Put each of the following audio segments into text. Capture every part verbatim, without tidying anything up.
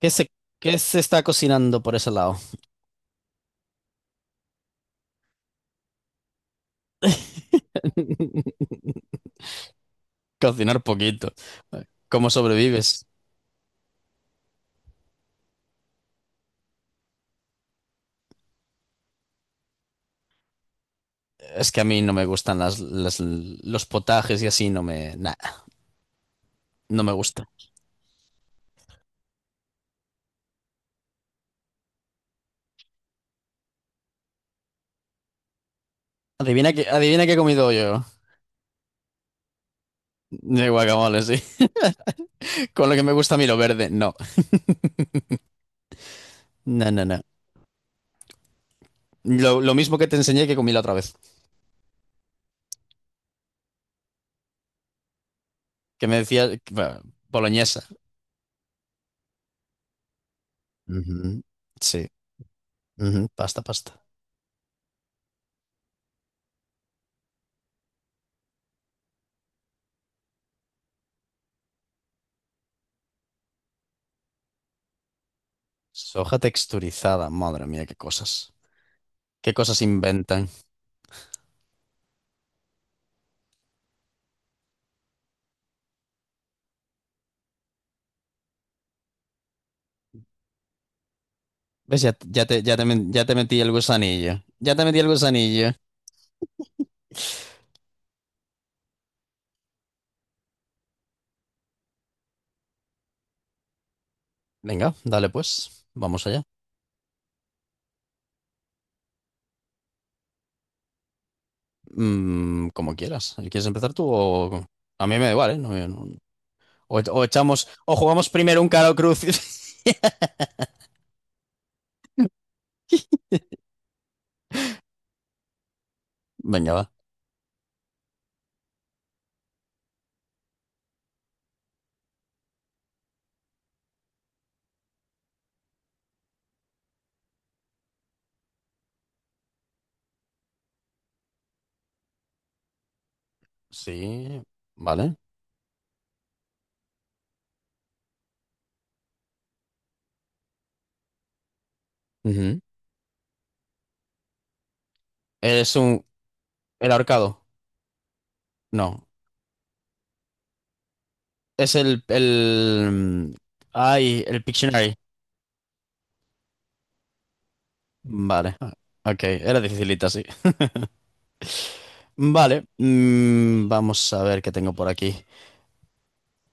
¿Qué se, qué se está cocinando por ese lado? Cocinar poquito. ¿Cómo sobrevives? Es que a mí no me gustan las, las- los potajes y así, no me, nah, no me gusta. Adivina qué, adivina qué he comido yo. De guacamole, sí. Con lo que me gusta a mí lo verde, no. No, no, no. Lo, lo mismo que te enseñé que comí la otra vez. Que me decía, bueno, boloñesa. Ujú, sí. Ujú, pasta, pasta. Soja texturizada, madre mía, qué cosas. ¿Qué cosas inventan? ¿Ves? Ya, te, ya te, ya te men- ya te metí el gusanillo. Ya te metí el gusanillo. Venga, dale pues. Vamos allá. Mm, como quieras. ¿Quieres empezar tú o...? A mí me da igual, ¿eh? No, yo no... O, e, o echamos... O jugamos primero un caro cruz. Venga, va. Sí. Vale. Ujú. Es un... El ahorcado. No. Es el... el... Ay, el Pictionary. Vale. Ok, era dificilita, sí. Vale. Mm, vamos a ver qué tengo por aquí.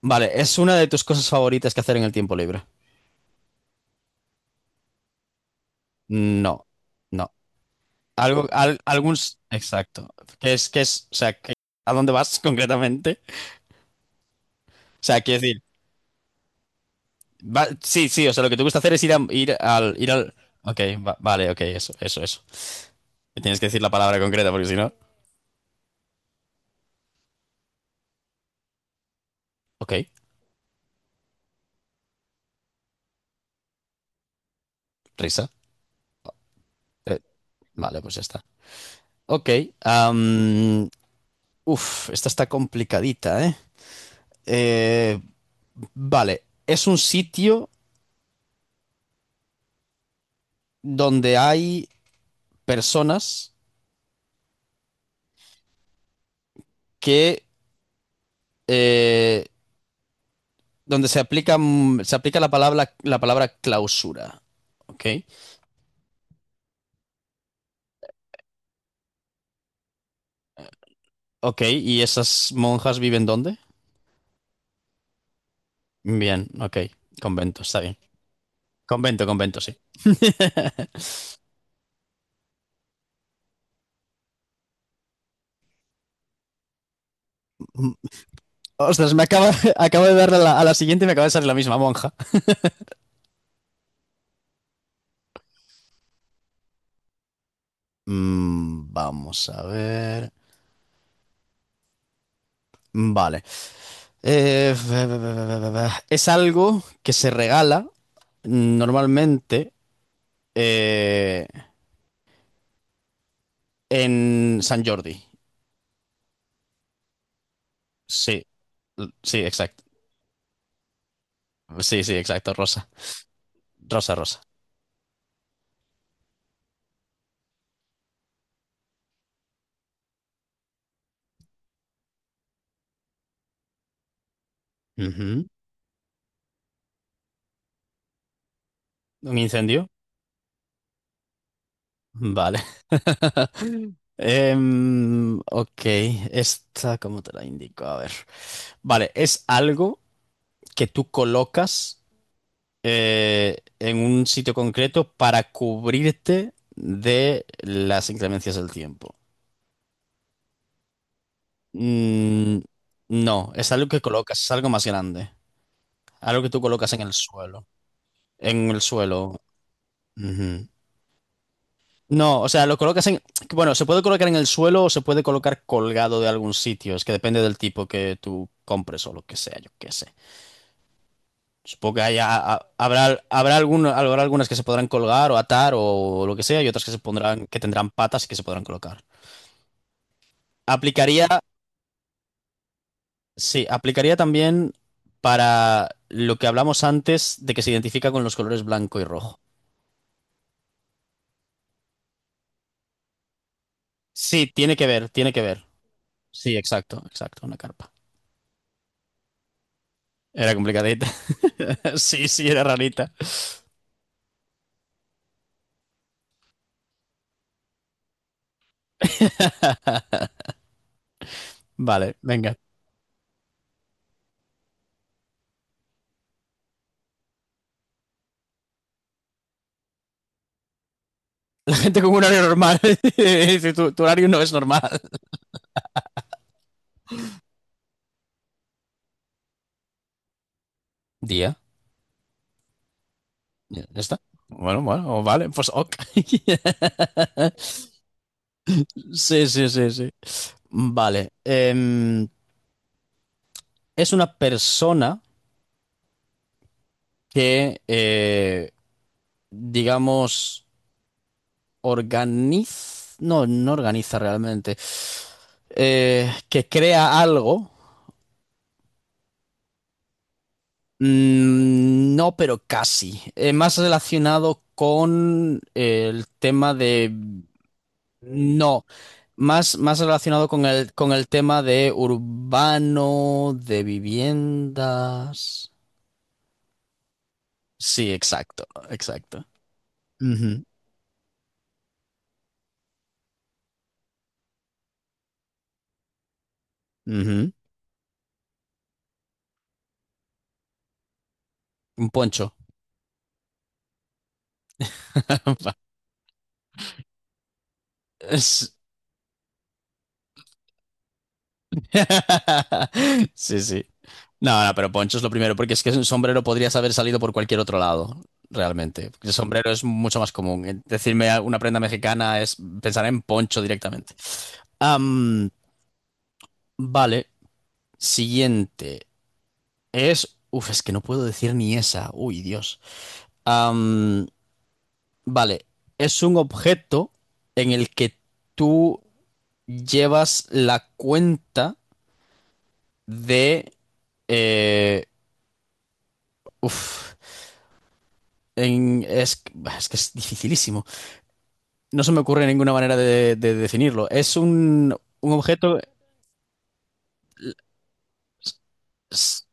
Vale, ¿es una de tus cosas favoritas que hacer en el tiempo libre? No, no. Algo, al- algún... s- exacto. ¿Qué es, qué es, o sea, qué... ¿a dónde vas concretamente? O sea, quiero decir, va- sí, sí, o sea, lo que te gusta hacer es ir, a- ir al, ir al... Ok, va- vale, ok, eso, eso, eso. Me tienes que decir la palabra concreta porque si no... Ok, risa. Eh, vale, pues ya está. Ok, am, uf, esta está complicadita, ¿eh? Eh, vale, es un sitio donde hay... personas que eh, donde se aplica, mm, se aplica la palabra, la palabra clausura. Ok, ok, ¿y esas monjas viven dónde? Bien, ok, convento, está bien. Convento, convento, sí. Ostras, me acaba, acabo de darle a la, a la siguiente y me acaba de salir la misma monja. Mm, vamos a ver. Vale. Eh, ve- ve- ve- ve- ve- ve. Es algo que se regala normalmente eh, en Sant Jordi. Sí, l- sí, exacto. Sí, sí, exacto. Rosa. Rosa, rosa. Ujú. ¿Un incendio? Vale. Em, ok, esta, ¿cómo te la indico? A ver. Vale, es algo que tú colocas eh, en un sitio concreto para cubrirte de las inclemencias del tiempo. Mm, no, es algo que colocas, es algo más grande. Algo que tú colocas en el suelo. En el suelo. Ujú. No, o sea, lo colocas en... Bueno, se puede colocar en el suelo o se puede colocar colgado de algún sitio. Es que depende del tipo que tú compres o lo que sea, yo qué sé. Supongo que haya- ha- habrá, habrá, algún- habrá algunas que se podrán colgar o atar o lo que sea y otras que se pondrán, que tendrán patas y que se podrán colocar. Aplicaría, sí, aplicaría también para lo que hablamos antes de que se identifica con los colores blanco y rojo. Sí, tiene que ver, tiene que ver. Sí, exacto, exacto, una carpa. Era complicadita. Sí, sí, era rarita. Vale, venga. La gente con un horario normal dice, tu, tu horario no es normal. Día. Ya está. Bueno, bueno, vale, pues ok. Sí, sí, sí, sí. Vale. Em, es una persona que, eh, digamos, organiza... No, no organiza realmente. Eh, que crea algo. Mm, No, pero casi. Eh, más relacionado con eh, el tema de... No, más, más relacionado con el, con el tema de urbano, de viviendas. Sí, exacto, exacto. Ujú, ujú. Un poncho. Sí, sí. No, no, pero poncho es lo primero, porque es que un sombrero podrías haber salido por cualquier otro lado, realmente. Porque el sombrero es mucho más común. Eh, Decirme una prenda mexicana es pensar en poncho directamente. Am, vale, siguiente. Es... Uf, es que no puedo decir ni esa. Uy, Dios. Am, vale, es un objeto en el que tú llevas la cuenta de... eh, uf. en- es, es que es dificilísimo. No se me ocurre ninguna manera de, de definirlo. Es un, un objeto. s- s-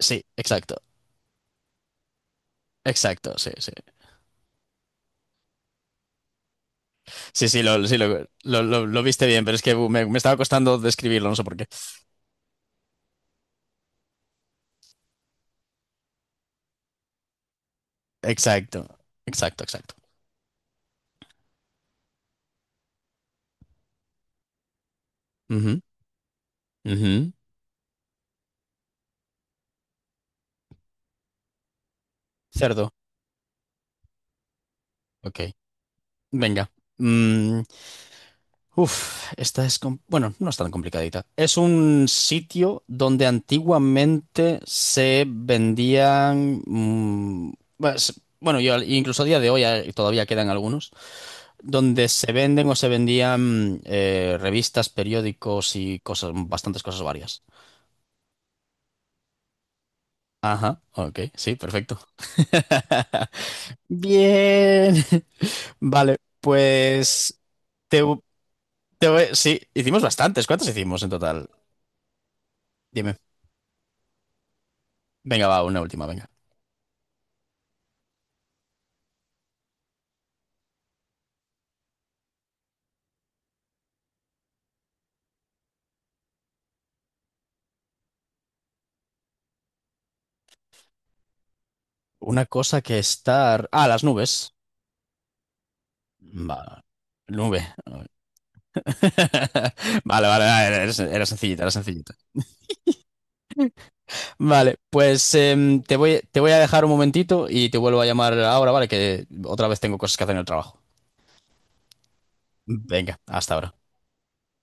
Sí, exacto. Exacto, sí, sí. Sí, sí, lo, sí, lo, lo- lo- lo viste bien, pero es que uh, me, me estaba costando describirlo, no sé por qué. Exacto, exacto, exacto. Ujú, ujú. Cerdo, ok. Venga. Mm, Uf, esta es... com- bueno, no es tan complicadita. Es un sitio donde antiguamente se vendían... mm, pues, bueno, yo, incluso a día de hoy eh, todavía quedan algunos, donde se venden o se vendían eh, revistas, periódicos y cosas, bastantes cosas varias. Ajá, ok, sí, perfecto. Bien. Vale, pues... Te, te, voy- sí, hicimos bastantes. ¿Cuántos hicimos en total? Dime. Venga, va, una última, venga. Una cosa que estar... Ah, las nubes. Va. Nube. Vale, vale, vale, era, era sencillita, era sencillita. Vale, pues em, te voy, te voy a dejar un momentito y te vuelvo a llamar ahora, ¿vale? Que otra vez tengo cosas que hacer en el trabajo. Venga, hasta ahora.